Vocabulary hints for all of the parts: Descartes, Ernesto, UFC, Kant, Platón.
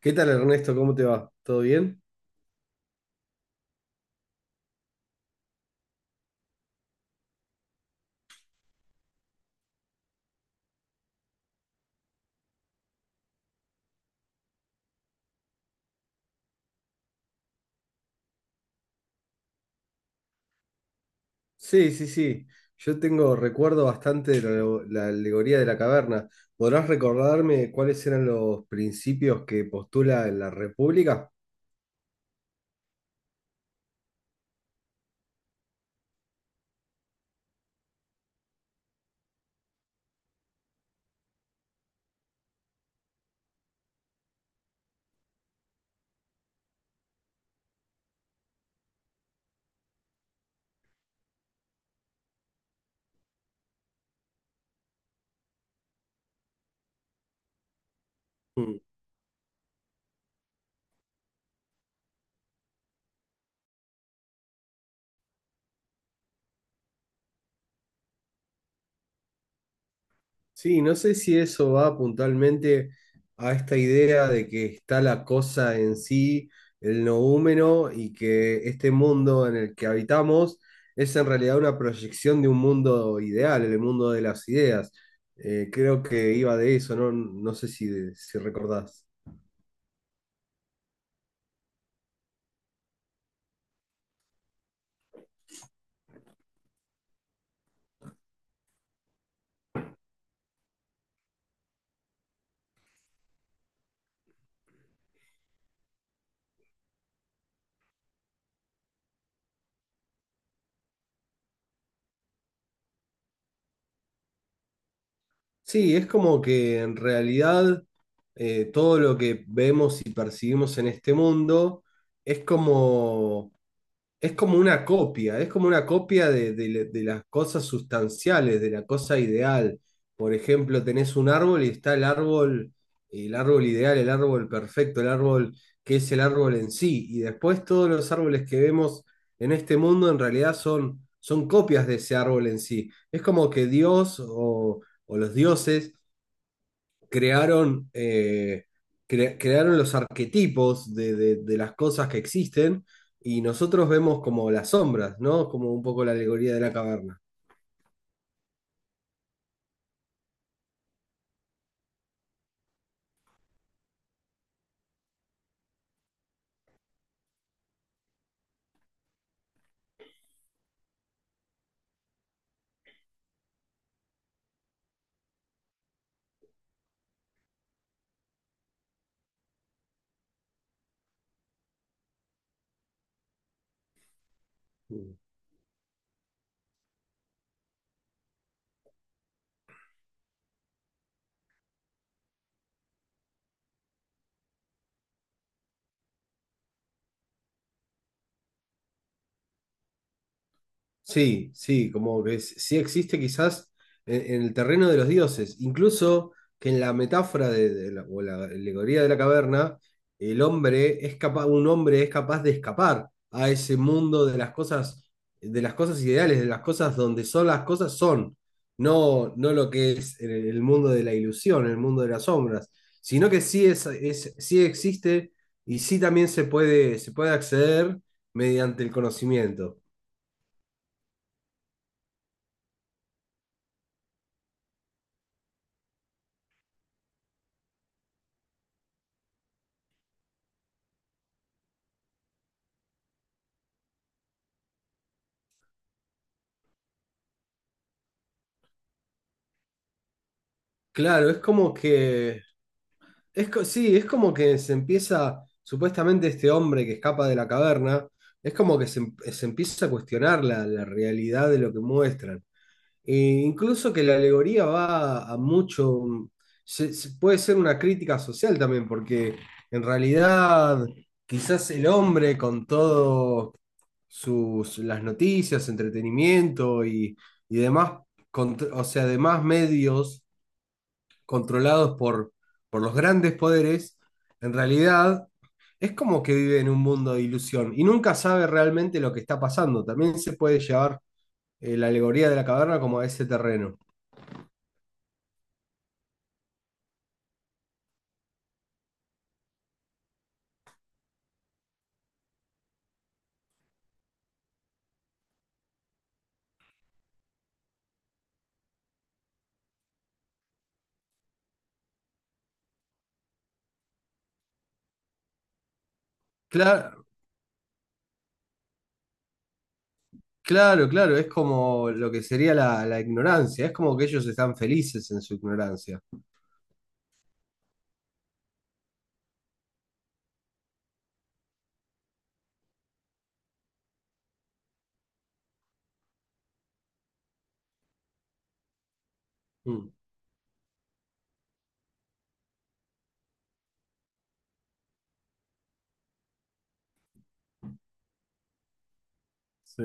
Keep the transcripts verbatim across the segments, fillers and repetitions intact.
¿Qué tal, Ernesto? ¿Cómo te va? ¿Todo bien? Sí, sí, sí. Yo tengo recuerdo bastante de la, la alegoría de la caverna. ¿Podrás recordarme cuáles eran los principios que postula en la República? Sí, no sé si eso va puntualmente a esta idea de que está la cosa en sí, el noúmeno, y que este mundo en el que habitamos es en realidad una proyección de un mundo ideal, el mundo de las ideas. Eh, creo que iba de eso, no, no sé si, si recordás. Sí, es como que en realidad eh, todo lo que vemos y percibimos en este mundo es como es como una copia, es como una copia de, de de las cosas sustanciales, de la cosa ideal. Por ejemplo, tenés un árbol y está el árbol, el árbol ideal, el árbol perfecto, el árbol que es el árbol en sí. Y después todos los árboles que vemos en este mundo en realidad son, son copias de ese árbol en sí. Es como que Dios o, o los dioses crearon, eh, cre- crearon los arquetipos de, de- de las cosas que existen y nosotros vemos como las sombras, ¿no? Como un poco la alegoría de la caverna. Sí, sí, como que s- sí existe quizás en, en el terreno de los dioses, incluso que en la metáfora de, de la, o la alegoría de la caverna, el hombre es capaz, un hombre es capaz de escapar a ese mundo de las cosas, de las cosas ideales, de las cosas donde son las cosas son, no, no lo que es el, el mundo de la ilusión, el mundo de las sombras, sino que sí es, es, sí existe y sí también se puede, se puede acceder mediante el conocimiento. Claro, es como que, es, co- sí, es como que se empieza, supuestamente este hombre que escapa de la caverna, es como que se, em- se empieza a cuestionar la, la realidad de lo que muestran. E incluso que la alegoría va a, a mucho, mm, se- se- puede ser una crítica social también, porque en realidad quizás el hombre con todo sus, las noticias, entretenimiento y, y demás, con- o sea, demás medios controlados por, por los grandes poderes, en realidad es como que vive en un mundo de ilusión y nunca sabe realmente lo que está pasando. También se puede llevar eh, la alegoría de la caverna como a ese terreno. Claro, claro, claro, es como lo que sería la, la ignorancia, es como que ellos están felices en su ignorancia. Mm, sí.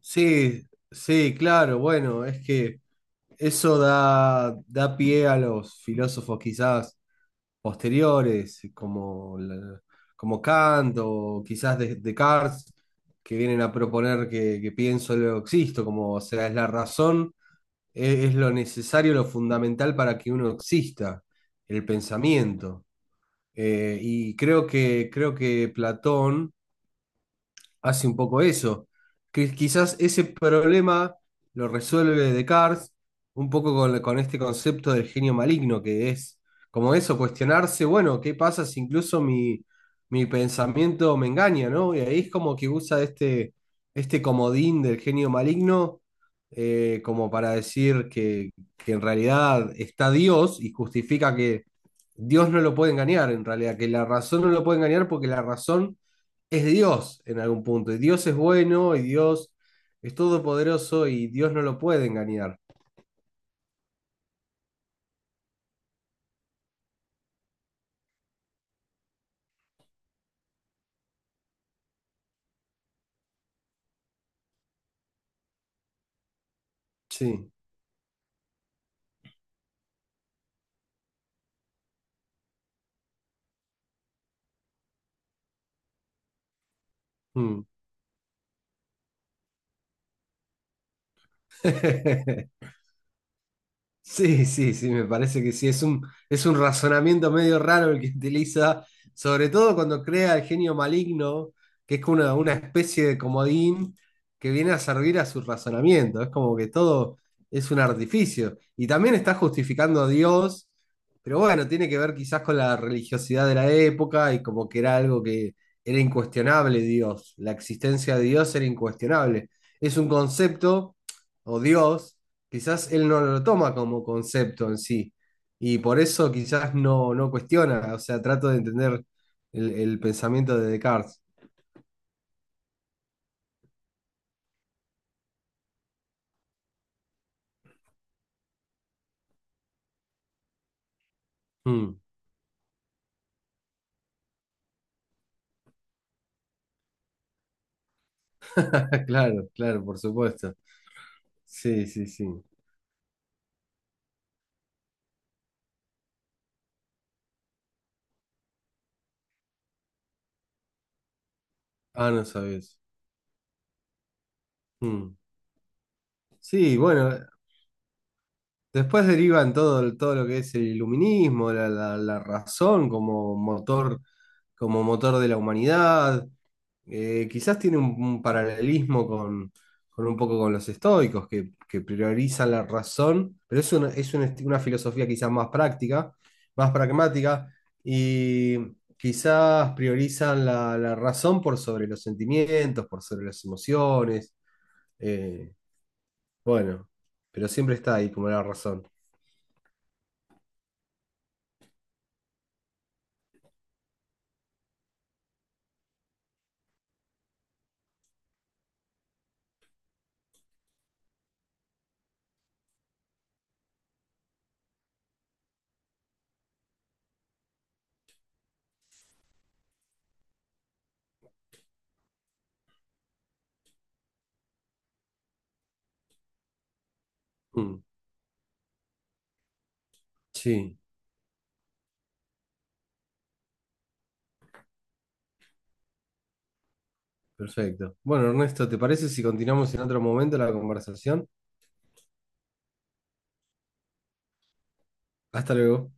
Sí, sí, claro, bueno, es que eso da, da pie a los filósofos quizás posteriores, como, la- como Kant o quizás de- Descartes, que vienen a proponer que, que pienso, luego existo, como, o sea, es la razón, e- es lo necesario, lo fundamental para que uno exista, el pensamiento. Eh, y creo que, creo que Platón hace un poco eso, que quizás ese problema lo resuelve Descartes un poco con, con este concepto del genio maligno, que es como eso, cuestionarse, bueno, ¿qué pasa si incluso mi, mi pensamiento me engaña, ¿no? Y ahí es como que usa este, este comodín del genio maligno eh, como para decir que, que en realidad está Dios y justifica que Dios no lo puede engañar, en realidad, que la razón no lo puede engañar porque la razón es Dios en algún punto, y Dios es bueno, y Dios es todopoderoso, y Dios no lo puede engañar. Sí. Mm. Sí, sí, sí, me parece que sí. Es un, es un razonamiento medio raro el que utiliza, sobre todo cuando crea el genio maligno, que es una, una especie de comodín que viene a servir a su razonamiento. Es como que todo es un artificio. Y también está justificando a Dios, pero bueno, tiene que ver quizás con la religiosidad de la época y como que era algo que era incuestionable Dios. La existencia de Dios era incuestionable. Es un concepto, o Dios quizás él no lo toma como concepto en sí. Y por eso quizás no, no cuestiona, o sea, trato de entender el, el pensamiento de Descartes. Mm. Claro, claro, por supuesto. Sí, sí, sí. Ah, no sabes. Sí, bueno, después derivan todo, el- todo lo que es el iluminismo, la, la- la razón como motor, como motor de la humanidad. Eh, quizás tiene un, un paralelismo con, con un poco con los estoicos, que, que priorizan la razón, pero es una, es un esti- una filosofía quizás más práctica, más pragmática, y quizás priorizan la, la razón por sobre los sentimientos, por sobre las emociones. eh, bueno, pero siempre está ahí como la razón. Mm. Sí, perfecto. Bueno, Ernesto, ¿te parece si continuamos en otro momento la conversación? Hasta luego.